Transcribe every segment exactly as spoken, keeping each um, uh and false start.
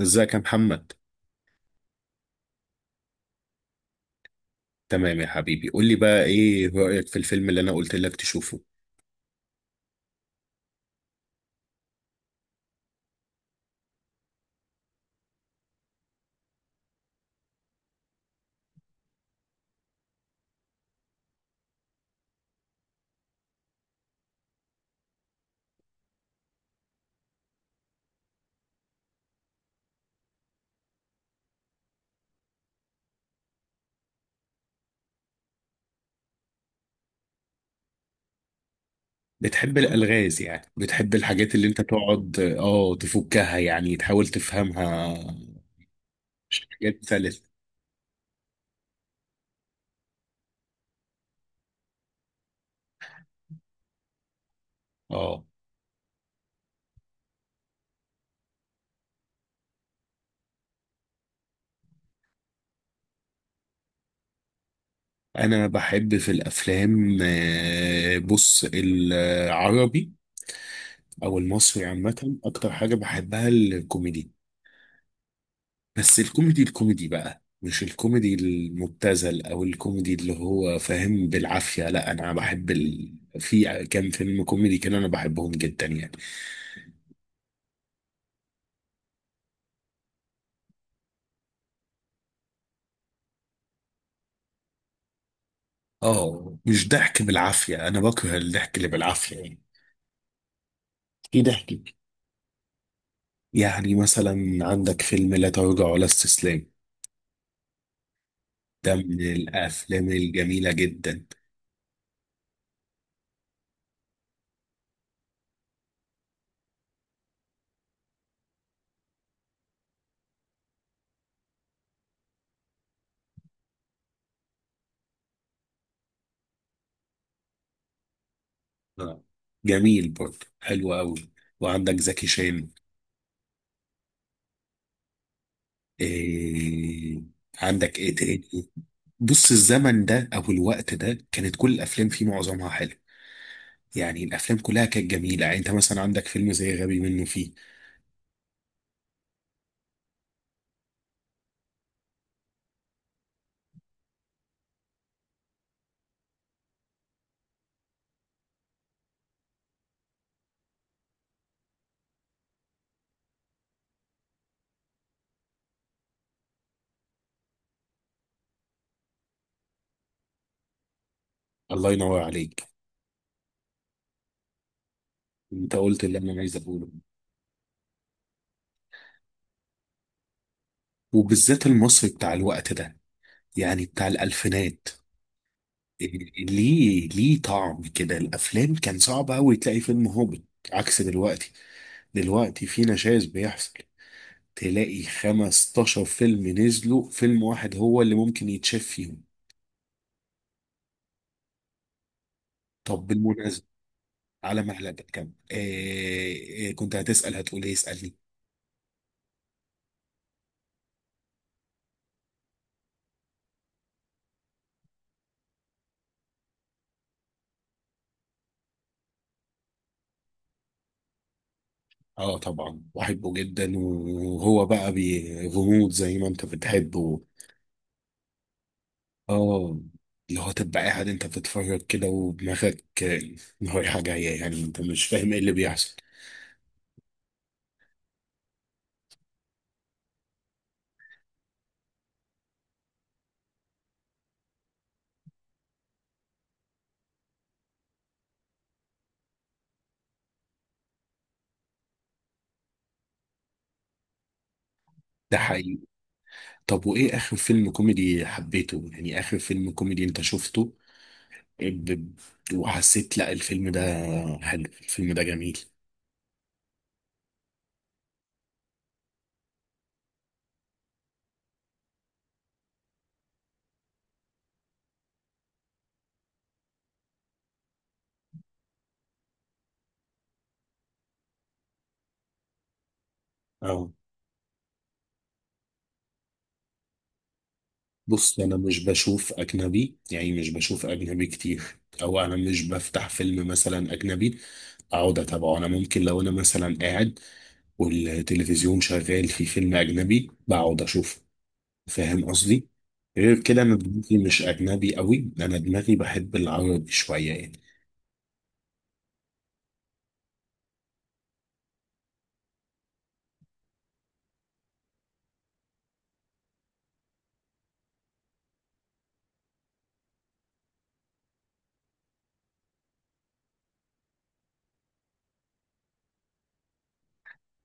ازيك يا محمد؟ تمام يا حبيبي، قول لي بقى، ايه رأيك في الفيلم اللي انا قلت لك تشوفه؟ بتحب الالغاز؟ يعني بتحب الحاجات اللي انت تقعد اه تفكها، يعني تحاول تفهمها؟ حاجات ثالث. اه، انا بحب في الافلام آه، بص، العربي او المصري عامة اكتر حاجة بحبها الكوميدي. بس الكوميدي الكوميدي بقى، مش الكوميدي المبتذل او الكوميدي اللي هو فاهم بالعافية. لا، انا بحب ال... في كام فيلم كوميدي كده انا بحبهم جدا يعني. اه، مش ضحك بالعافية، انا بكره الضحك اللي بالعافية يعني. في ضحك. يعني مثلا عندك فيلم لا تراجع ولا استسلام، ده من الافلام الجميلة جدا. آه. جميل برضه، حلو قوي. وعندك زكي شان. إيه. عندك ايه تاني؟ بص، الزمن ده او الوقت ده كانت كل الافلام فيه معظمها حلو. يعني الافلام كلها كانت جميله. يعني انت مثلا عندك فيلم زي غبي منه فيه. الله ينور عليك. انت قلت اللي انا عايز اقوله. وبالذات المصري بتاع الوقت ده، يعني بتاع الالفينات. إيه، ليه ليه طعم كده؟ الافلام كان صعب قوي تلاقي فيلم هابط، عكس دلوقتي. دلوقتي في نشاز بيحصل، تلاقي خمستاشر فيلم نزلوا، فيلم واحد هو اللي ممكن يتشاف فيهم. طب بالمناسبة، على معلقة كم آه آه، كنت هتسأل هتقول ايه؟ اسألني. اه، طبعا بحبه جدا. وهو بقى بي- غموض، زي ما انت بتحبه. اه، اللي هو تبقى قاعد انت بتتفرج كده ودماغك آه، رايحة جاية، يعني انت مش فاهم ايه اللي بيحصل. ده حقيقي. طب، وايه اخر فيلم كوميدي حبيته؟ يعني اخر فيلم كوميدي انت شفته ب- وحسيت، لا الفيلم ده حلو، الفيلم ده جميل. اه. بص، انا مش بشوف اجنبي، يعني مش بشوف اجنبي كتير. او انا مش بفتح فيلم مثلا اجنبي اقعد اتابعه. انا ممكن لو انا مثلا قاعد والتلفزيون شغال في فيلم اجنبي بقعد اشوفه، فاهم قصدي؟ غير كده انا دماغي مش اجنبي قوي، انا دماغي بحب العربي شويه يعني.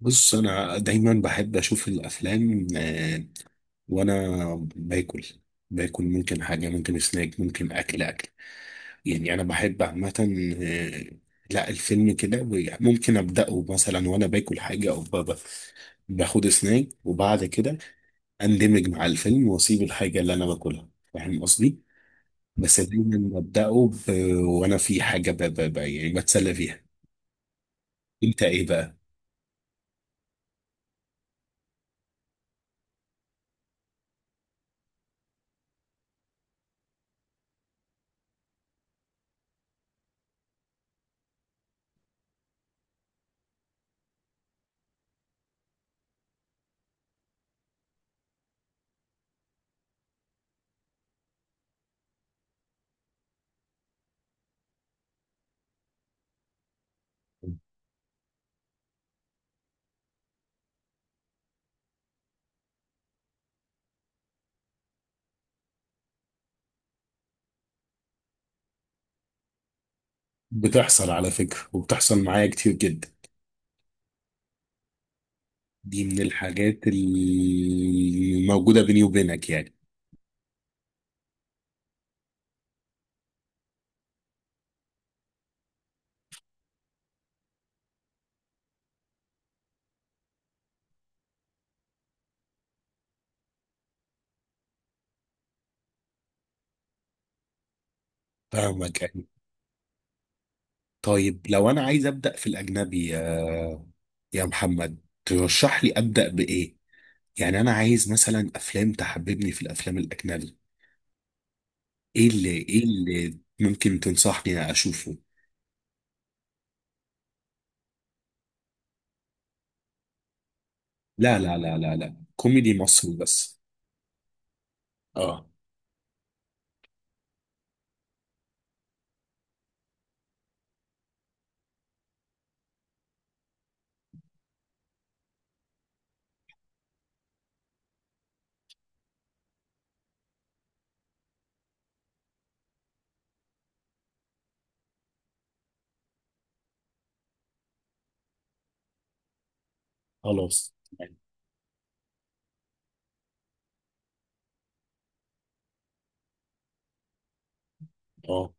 بص، انا دايما بحب اشوف الافلام آه، وانا باكل. باكل ممكن حاجه، ممكن سناك، ممكن اكل اكل. يعني انا بحب عامه آه، لا، الفيلم كده بي- ممكن ابداه مثلا وانا باكل حاجه، او ب- ب- باخد سناك. وبعد كده اندمج مع الفيلم واسيب الحاجه اللي انا باكلها، فاهم قصدي؟ بس دايما ابداه ب- وانا في حاجه ب... ب... ب... يعني بتسلى فيها. انت ايه بقى؟ بتحصل على فكره، وبتحصل معايا كتير جدا. دي من الحاجات الموجوده بيني وبينك يعني. فاهمك يعني. طيب، لو انا عايز ابدا في الاجنبي، يا يا محمد، ترشح لي ابدا بايه؟ يعني انا عايز مثلا افلام تحببني في الافلام الاجنبي. ايه اللي ايه اللي ممكن تنصحني اشوفه؟ لا لا لا لا لا، كوميدي مصري بس. اه، خلاص يعني. اه،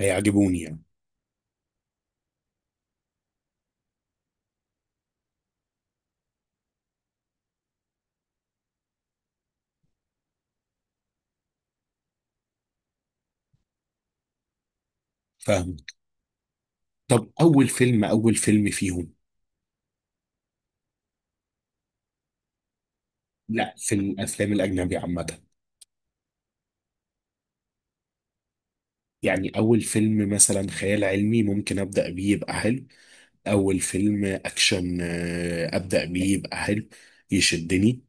هيعجبوني يعني؟ فاهم. طب، اول فيلم اول فيلم فيهم؟ لا، في الافلام الاجنبي عامه. يعني اول فيلم مثلا خيال علمي ممكن ابدا بيه يبقى حلو. اول فيلم اكشن آه، ابدا بيه يبقى حلو، يشدني.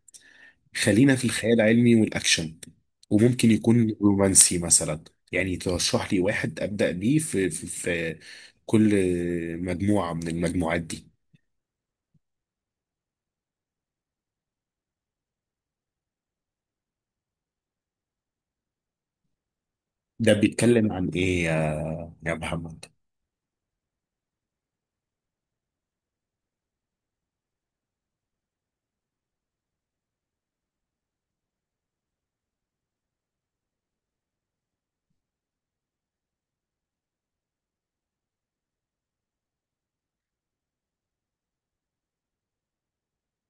خلينا في الخيال العلمي والاكشن، وممكن يكون رومانسي مثلا. يعني ترشح لي واحد ابدا بيه في في, في كل مجموعه من المجموعات دي. ده بيتكلم عن ايه يا يا محمد؟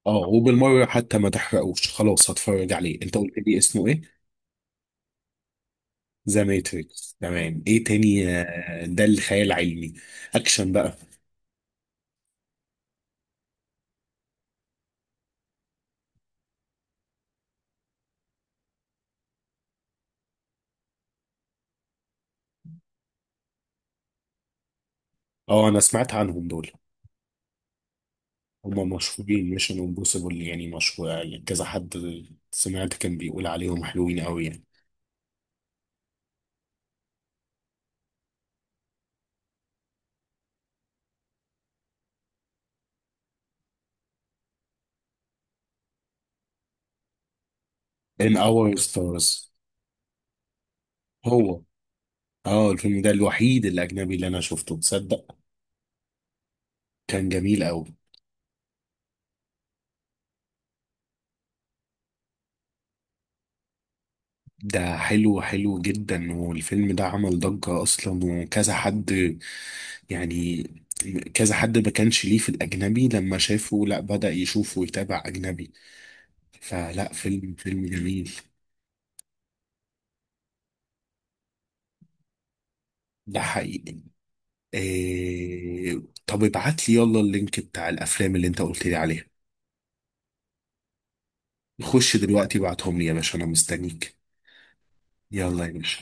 اه، وبالمره حتى ما تحرقوش. خلاص، هتفرج عليه. انت قلت لي اسمه ايه؟ ذا ماتريكس. تمام، ايه تاني آه، ده الخيال العلمي. اكشن بقى. اه، انا سمعت عنهم دول. هما مشهورين ميشن امبوسيبل يعني، مشهور يعني، كذا حد سمعت كان بيقول عليهم حلوين قوي يعني. In Our Stars. هو. اه، الفيلم ده الوحيد الأجنبي اللي أنا شفته، تصدق؟ كان جميل أوي. ده حلو حلو جدا. والفيلم ده عمل ضجة أصلا، وكذا حد يعني، كذا حد ما كانش ليه في الأجنبي لما شافه، لا بدأ يشوف ويتابع أجنبي. فلا، فيلم فيلم جميل. ده حقيقي. إيه. طب، ابعت لي يلا اللينك بتاع الافلام اللي انت قلت لي عليها. خش دلوقتي، ابعتهم لي يا باشا، انا مستنيك. يلا يا باشا.